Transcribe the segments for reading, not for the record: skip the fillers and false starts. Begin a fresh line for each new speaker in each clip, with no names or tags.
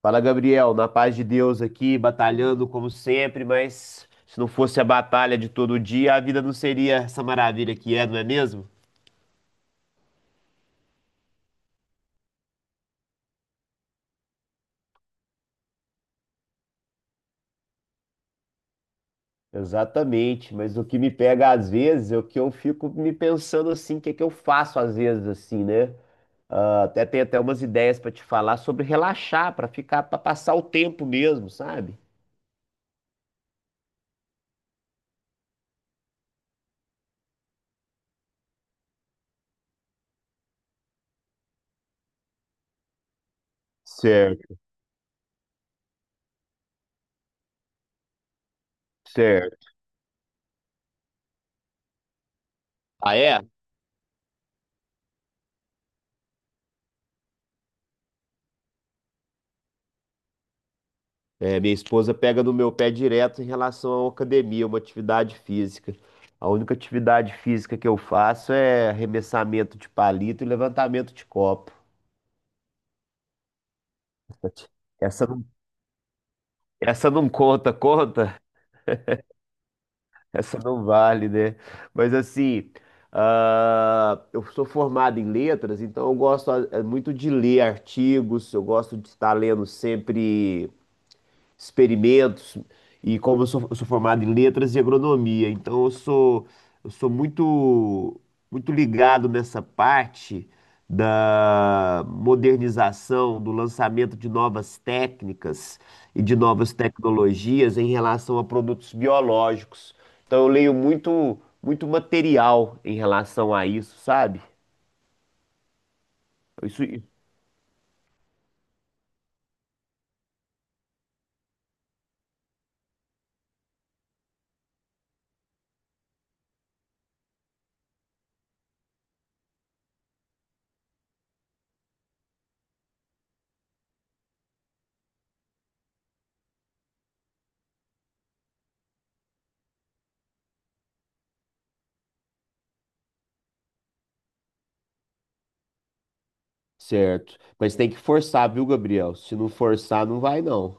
Fala, Gabriel, na paz de Deus aqui, batalhando como sempre, mas se não fosse a batalha de todo dia, a vida não seria essa maravilha que é, não é mesmo? Exatamente, mas o que me pega às vezes é o que eu fico me pensando assim, o que é que eu faço às vezes assim, né? Ah, até tem até umas ideias pra te falar sobre relaxar, pra ficar, para passar o tempo mesmo, sabe? Certo, certo. Ah, é? É, minha esposa pega no meu pé direto em relação à academia, uma atividade física. A única atividade física que eu faço é arremessamento de palito e levantamento de copo. Essa não, essa não conta, conta? Essa não vale, né? Mas assim, ah, eu sou formado em letras, então eu gosto muito de ler artigos, eu gosto de estar lendo sempre experimentos, e como eu sou formado em letras e agronomia, então eu sou muito ligado nessa parte da modernização, do lançamento de novas técnicas e de novas tecnologias em relação a produtos biológicos. Então eu leio muito, muito material em relação a isso, sabe? Isso, certo. Mas tem que forçar, viu, Gabriel? Se não forçar, não vai, não.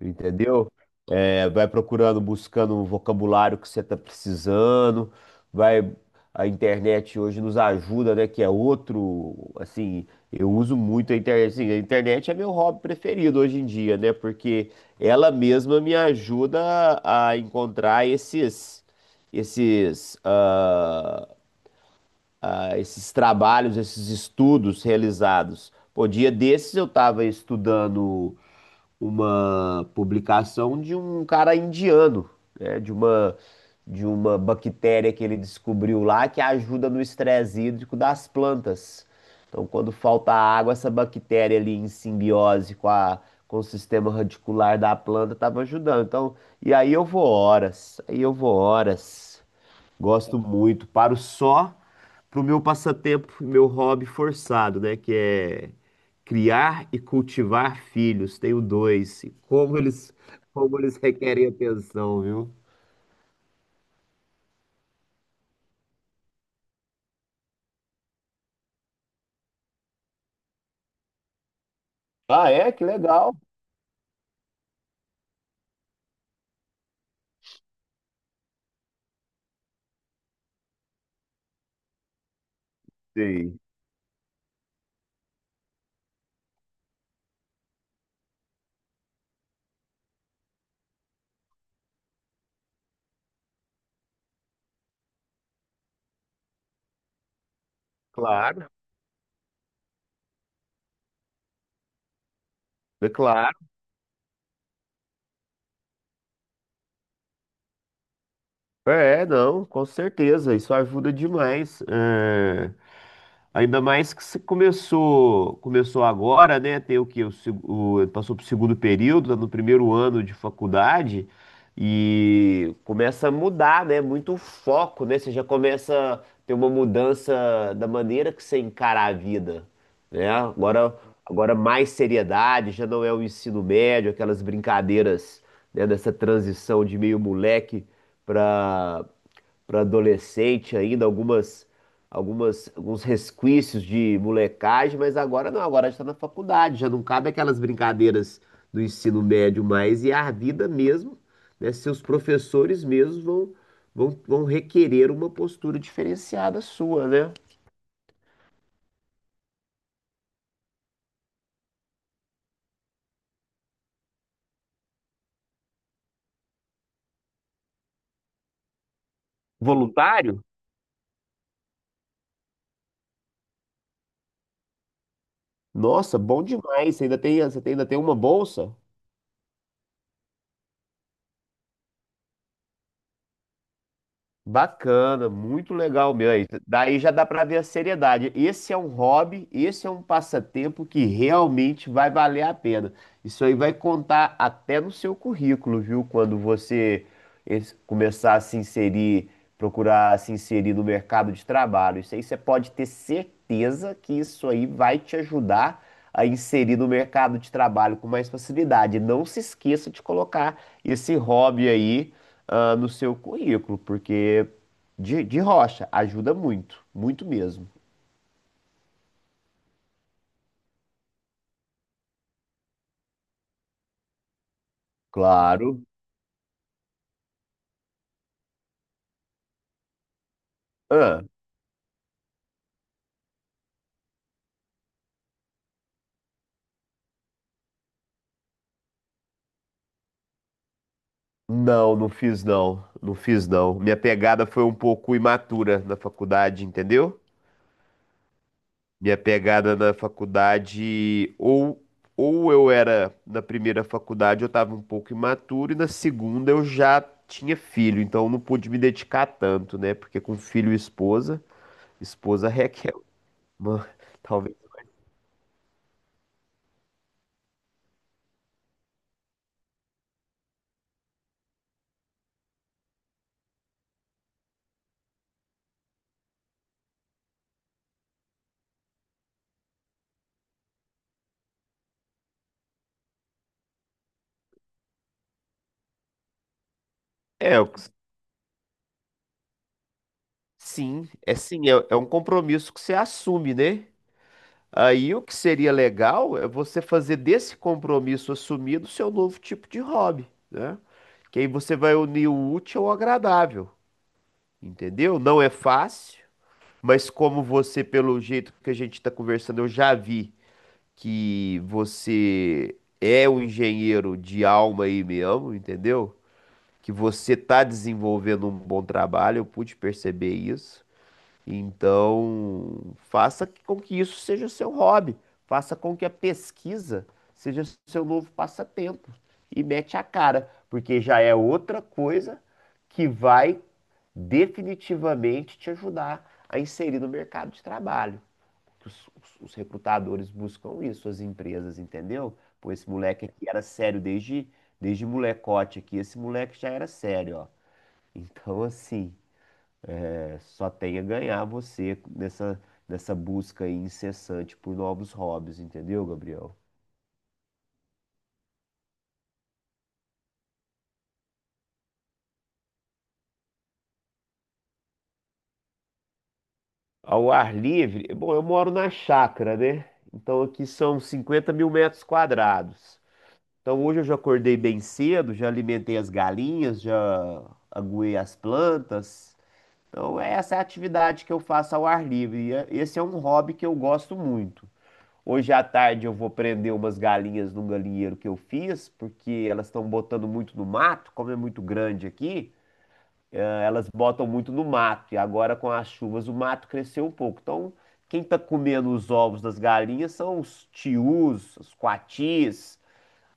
Entendeu? É, vai procurando, buscando um vocabulário que você está precisando, vai. A internet hoje nos ajuda, né? Que é outro, assim, eu uso muito a internet. Assim, a internet é meu hobby preferido hoje em dia, né? Porque ela mesma me ajuda a encontrar esses, ah, esses trabalhos, esses estudos realizados. Pô, dia desses eu estava estudando uma publicação de um cara indiano, né? De uma bactéria que ele descobriu lá que ajuda no estresse hídrico das plantas. Então, quando falta água, essa bactéria ali em simbiose com com o sistema radicular da planta estava ajudando. Então, aí eu vou horas. Gosto muito, paro só pro meu passatempo, meu hobby forçado, né? Que é criar e cultivar filhos. Tenho dois. E como eles requerem atenção, viu? Ah, é? Que legal. Sim, claro. É claro. É, não, com certeza. Isso ajuda demais. É, ainda mais que se começou, começou agora, né? Tem o quê? Passou para o segundo período, tá no primeiro ano de faculdade, e começa a mudar, né? Muito o foco, né? Você já começa a ter uma mudança da maneira que você encara a vida, né? Agora mais seriedade, já não é o ensino médio, aquelas brincadeiras, né? Dessa transição de meio moleque para para adolescente ainda, alguns resquícios de molecagem, mas agora não, agora está na faculdade, já não cabe aquelas brincadeiras do ensino médio mais, e a vida mesmo, né, seus professores mesmos vão requerer uma postura diferenciada sua, né? Voluntário? Nossa, bom demais, você ainda tem, você tem- ainda tem uma bolsa? Bacana, muito legal, meu. Daí já dá pra ver a seriedade. Esse é um hobby, esse é um passatempo que realmente vai valer a pena. Isso aí vai contar até no seu currículo, viu? Quando você começar a se inserir, procurar se inserir no mercado de trabalho. Isso aí você pode ter certeza que isso aí vai te ajudar a inserir no mercado de trabalho com mais facilidade. Não se esqueça de colocar esse hobby aí, no seu currículo, porque de rocha ajuda muito, muito mesmo. Claro. Ah. Não, não fiz não, não fiz não. Minha pegada foi um pouco imatura na faculdade, entendeu? Minha pegada na faculdade, ou eu era na primeira faculdade, eu estava um pouco imaturo, e na segunda eu já tinha filho, então eu não pude me dedicar tanto, né? Porque com filho e esposa, esposa requer uma, talvez. É, sim, é sim, é, é um compromisso que você assume, né? Aí o que seria legal é você fazer desse compromisso assumido seu novo tipo de hobby, né? Que aí você vai unir o útil ao agradável, entendeu? Não é fácil, mas como você, pelo jeito que a gente está conversando, eu já vi que você é um engenheiro de alma e mesmo, entendeu? Que você está desenvolvendo um bom trabalho, eu pude perceber isso. Então, faça com que isso seja seu hobby, faça com que a pesquisa seja seu novo passatempo e mete a cara, porque já é outra coisa que vai definitivamente te ajudar a inserir no mercado de trabalho. Que os recrutadores buscam isso, as empresas, entendeu? Pô, esse moleque aqui era sério desde, desde molecote aqui, esse moleque já era sério, ó. Então, assim. Só tem a ganhar você nessa busca aí incessante por novos hobbies, entendeu, Gabriel? Ao ar livre, bom, eu moro na chácara, né? Então aqui são 50.000 metros quadrados. Então hoje eu já acordei bem cedo, já alimentei as galinhas, já aguei as plantas. Então essa é a atividade que eu faço ao ar livre. Esse é um hobby que eu gosto muito. Hoje à tarde eu vou prender umas galinhas num galinheiro que eu fiz, porque elas estão botando muito no mato, como é muito grande aqui, elas botam muito no mato. E agora com as chuvas o mato cresceu um pouco. Então, quem está comendo os ovos das galinhas são os tius, os coatis,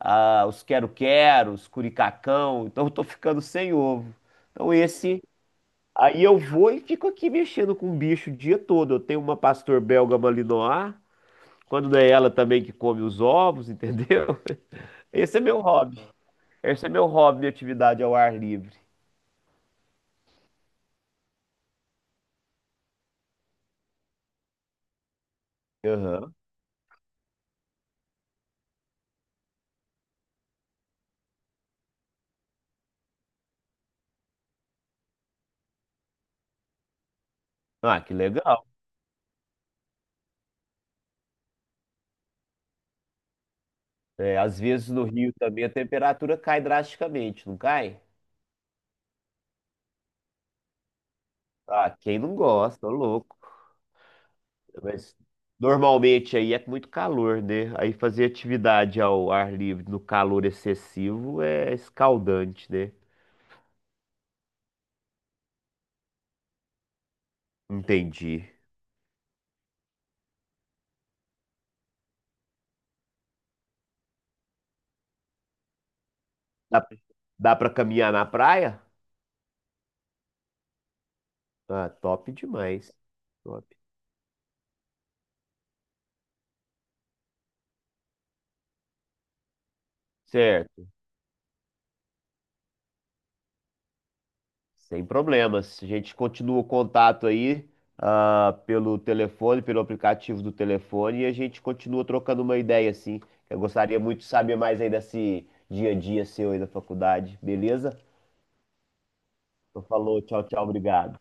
os quero-queros, curicacão. Então, eu estou ficando sem ovo. Então, esse. Aí eu vou e fico aqui mexendo com o bicho o dia todo. Eu tenho uma pastor belga malinois. Quando não é ela também que come os ovos, entendeu? Esse é meu hobby. Esse é meu hobby, minha atividade ao ar livre. Aham. Ah, que legal. É, às vezes no Rio também a temperatura cai drasticamente, não cai? Ah, quem não gosta, ô louco. Mas normalmente aí é muito calor, né? Aí fazer atividade ao ar livre no calor excessivo é escaldante, né? Entendi. Dá, dá pra caminhar na praia? Ah, top demais. Top. Certo. Sem problemas. A gente continua o contato aí, pelo telefone, pelo aplicativo do telefone, e a gente continua trocando uma ideia, assim. Eu gostaria muito de saber mais aí desse dia a dia seu aí da faculdade, beleza? Então, falou, tchau, tchau, obrigado.